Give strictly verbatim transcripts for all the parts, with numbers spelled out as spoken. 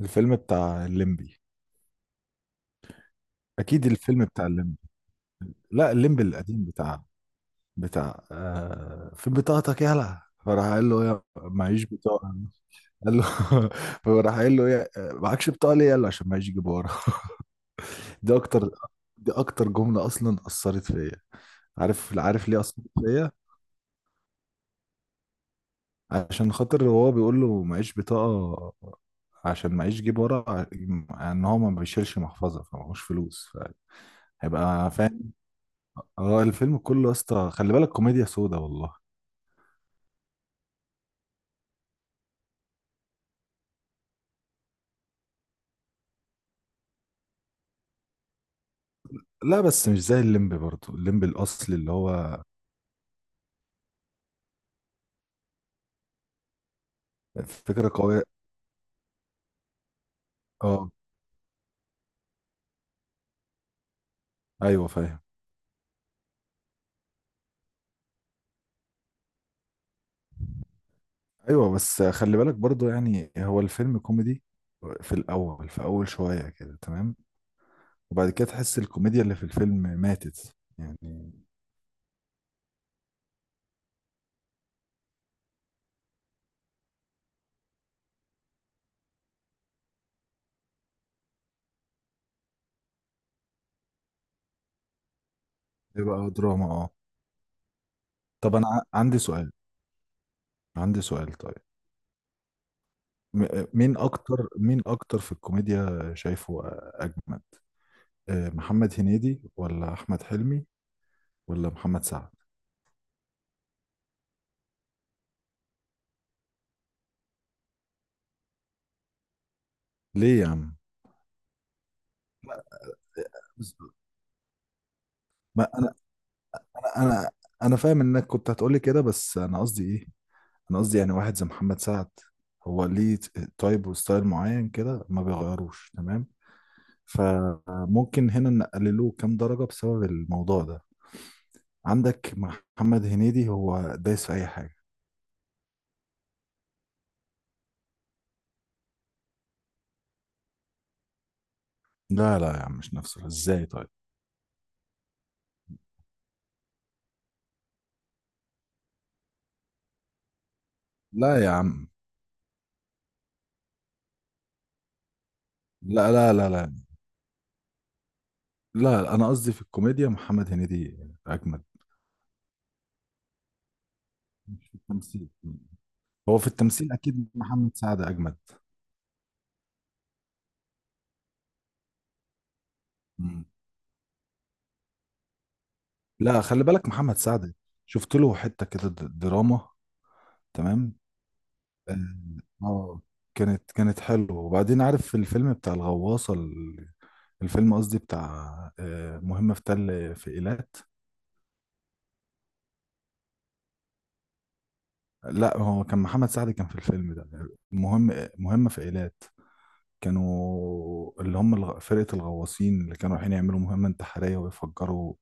الفيلم بتاع الليمبي. اكيد الفيلم بتاع الليمبي. لا، الليمبي القديم بتاع. بتاع آه في بطاقتك، يلا، فراح قال له يا معيش بطاقه. قال له، فراح قال له يا آه، معكش بطاقه ليه؟ يلا عشان معيش يجيب ورا. دي اكتر دي اكتر جمله اصلا اثرت فيا. عارف عارف ليه اثرت فيا. عشان خاطر هو بيقول له معيش بطاقه، عشان معيش جيب ورا ع- ان هو ما بيشيلش محفظه فمعهوش فلوس. فهيبقى فاهم. اه، الفيلم كله يا اسطى، خلي بالك كوميديا سودا والله. لا بس مش زي الليمبي، برضه الليمبي الاصلي اللي هو فكرة قوية. اه، ايوه فاهم. ايوه بس خلي بالك برضه، يعني هو الفيلم كوميدي في الاول، في اول شوية كده تمام، وبعد كده تحس الكوميديا اللي في الفيلم ماتت يعني. بقى دراما، اه. طب انا ع- عندي سؤال عندي سؤال طيب. م- مين اكتر مين اكتر في الكوميديا شايفه اجمد؟ آه، محمد هنيدي ولا احمد حلمي ولا محمد سعد؟ ليه يا عم؟ بس- ما انا انا انا انا فاهم انك كنت هتقولي كده، بس انا قصدي ايه؟ انا قصدي يعني واحد زي محمد سعد، هو ليه تايب وستايل معين كده ما بيغيروش تمام. فممكن هنا نقللوه كام درجة بسبب الموضوع ده. عندك محمد هنيدي هو دايس في اي حاجة. لا لا يا عم، مش نفسه، ازاي طيب؟ لا يا عم. لا لا لا لا لا، انا قصدي في الكوميديا محمد هنيدي اجمد، مش في التمثيل. هو في التمثيل اكيد محمد سعد اجمد. لا خلي بالك محمد سعد، شفت له حتة كده د- دراما. تمام، اه. آه، كانت كانت حلوة. وبعدين عارف في الفيلم بتاع الغواصة ال- الفيلم قصدي بتاع آه، مهمة في تل في إيلات. لا هو كان محمد سعد كان في الفيلم ده. مهم، مهمة في إيلات. كانوا اللي هم الغ- فرقة الغواصين اللي كانوا رايحين يعملوا مهمة انتحارية ويفجروا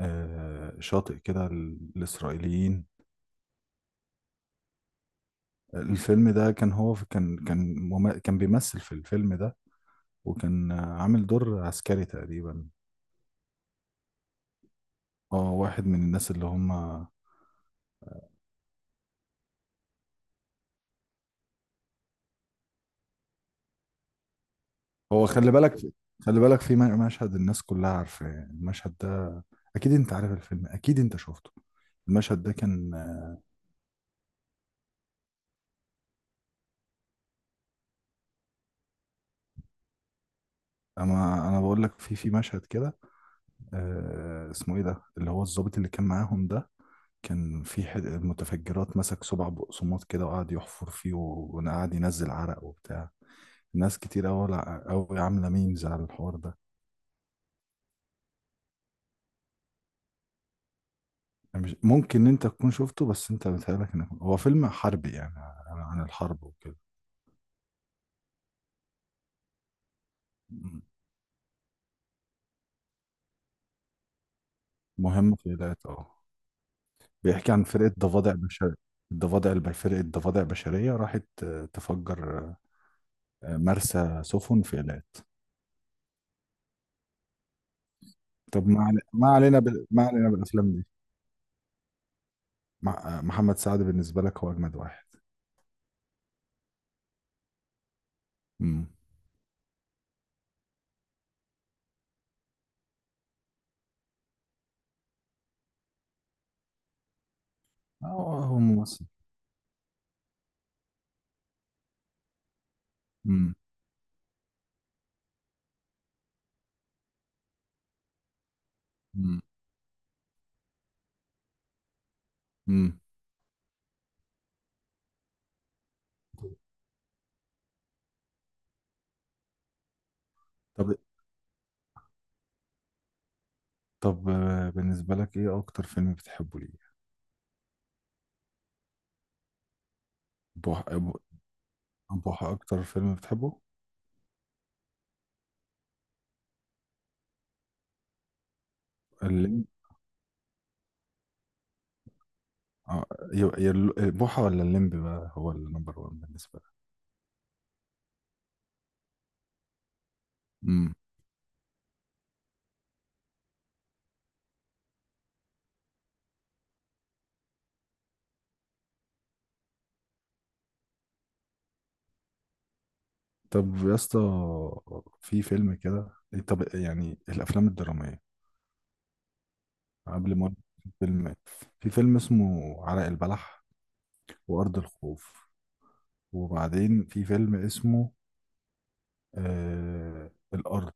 آه، شاطئ كده للإسرائيليين. الفيلم ده كان هو في- كان كان مم- كان بيمثل في الفيلم ده، وكان آه، عامل دور عسكري تقريبا. اه، واحد من الناس اللي هم. هو خلي بالك، خلي بالك في م- مشهد، الناس كلها عارفة المشهد ده. اكيد انت عارف الفيلم، اكيد انت شفته. المشهد ده كان. اما انا بقول لك في في مشهد كده، آه اسمه ايه ده، اللي هو الضابط اللي كان معاهم ده، كان في حد متفجرات مسك سبع بقسماط كده وقعد يحفر فيه، وقعد ينزل عرق وبتاع. ناس كتير أوي، أوي عاملة ميمز على الحوار ده. أنا مش ممكن إن أنت تكون شفته، بس أنت بتهيألك إنك هو فيلم حربي يعني عن عن الحرب وكده. م. مهم في ذات، أه، بيحكي عن فرقة ضفادع بشرية. الضفادع الب- فرقة ضفادع بشرية راحت آه، تفجر آه، مرسى سفن في إيلات. طب ما عل- ما علينا بال... ما علينا بالأفلام دي. مع- آه، محمد سعد بالنسبة لك هو أجمد واحد. امم هو هو ممثل. امم. امم. امم. طب، طب آه، بالنسبة لك ايه اكتر فيلم بتحبه ليه؟ بوحة أبو- بوحة اكتر فيلم بتحبه؟ الليمب، اه، ي- ي- بوحة ولا الليمب بقى هو النمبر وان بالنسبة لك؟ امم. طب يا اسطى، في فيلم كده. طب يعني الافلام الدرامية، قبل ما أقول في فيلم، في فيلم اسمه عرق البلح، وارض الخوف، وبعدين في فيلم اسمه آه الارض.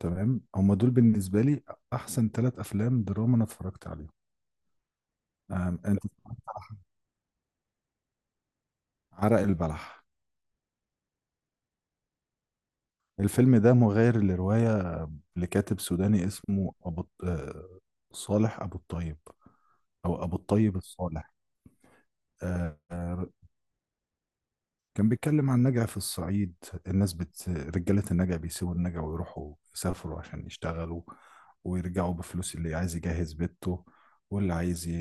تمام، هما دول بالنسبة لي احسن ثلاث افلام دراما انا اتفرجت عليهم. نعم انت؟ صح. عرق البلح. الفيلم ده مغير لرواية لكاتب سوداني اسمه أبو الط- آه، صالح أبو الطيب، أو أبو الطيب الصالح. آه، آه، كان بيتكلم عن نجع في الصعيد. الناس بت... رجالة النجع بيسيبوا النجع ويروحوا يسافروا عشان يشتغلوا، ويرجعوا بفلوس، اللي عايز يجهز بيته، واللي عايز ي-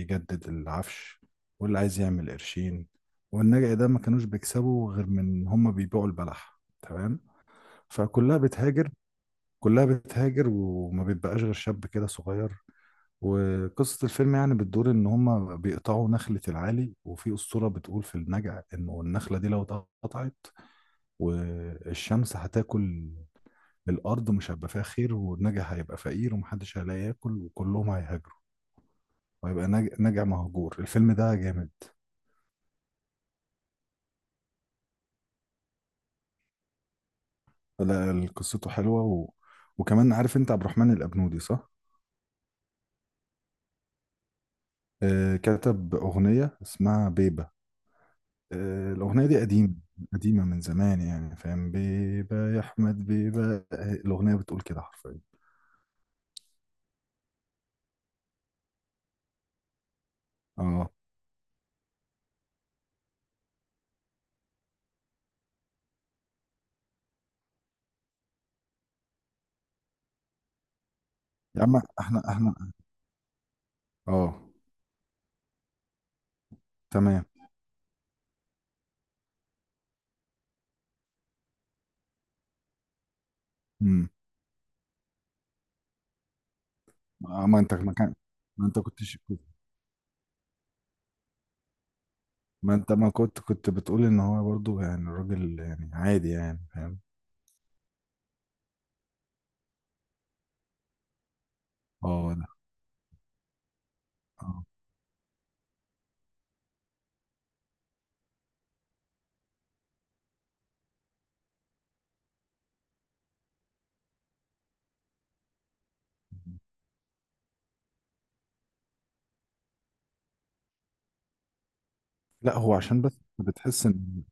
يجدد العفش، واللي عايز يعمل قرشين. والنجع ده ما كانوش بيكسبوا غير من هما بيبيعوا البلح، تمام؟ فكلها بتهاجر. كلها بتهاجر وما بيبقاش غير شاب كده صغير. وقصة الفيلم يعني بتدور إن هما بيقطعوا نخلة العالي، وفي أسطورة بتقول في النجع إنه النخلة دي لو اتقطعت والشمس هتاكل، الأرض مش هيبقى فيها خير والنجع هيبقى فقير ومحدش هيلاقي ياكل وكلهم هيهاجروا، وهيبقى نج- نجع مهجور. الفيلم ده جامد. لا قصته حلوة و... وكمان عارف أنت عبد الرحمن الأبنودي، صح؟ آه، كتب أغنية اسمها بيبة. آه، الأغنية دي قديمة، قديمة من زمان يعني فاهم، بيبا يا أحمد بيبا، آه، الأغنية بتقول كده حرفيا. اه. يا عم احنا احنا اه. تمام. امم. آه، ما انت ما كان ما انت كنتش ما انت ما كنت كنت بتقول ان هو برضو يعني الراجل يعني عادي يعني فاهم. اه، لا. اه. لا، هو عشان بس بتحس ان،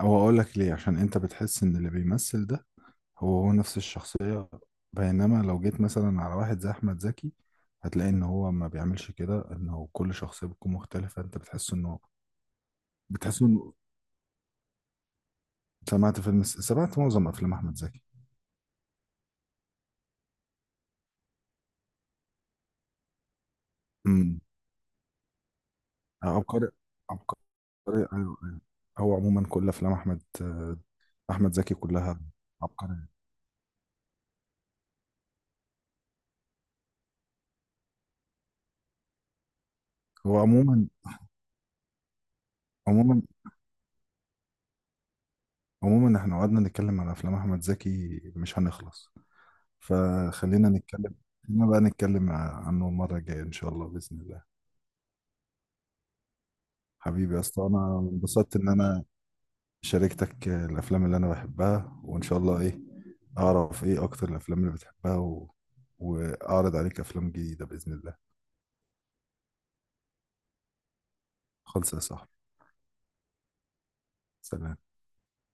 او اقول لك ليه، عشان انت بتحس ان اللي بيمثل ده هو هو نفس الشخصية. بينما لو جيت مثلا على واحد زي أحمد زكي هتلاقي إن هو ما بيعملش كده، إنه كل شخصية بتكون مختلفة، أنت بتحس إنه. بتحس إنه سمعت فيلم، سمعت معظم أفلام أحمد زكي. امم. عبقري، عبقري، أيوه، أيوه. هو عموما كل أفلام أحمد أحمد زكي كلها عبقرية. هو عموما، عموما عموما إحنا قعدنا نتكلم عن أفلام أحمد زكي مش هنخلص. فخلينا نتكلم، خلينا بقى نتكلم عنه المرة الجاية إن شاء الله بإذن الله. حبيبي يا اسطى، انا انبسطت ان انا شاركتك الافلام اللي انا بحبها، وان شاء الله ايه اعرف ايه اكتر الافلام اللي بتحبها و... واعرض عليك افلام جديدة باذن الله. خلص يا صاحبي. سلام.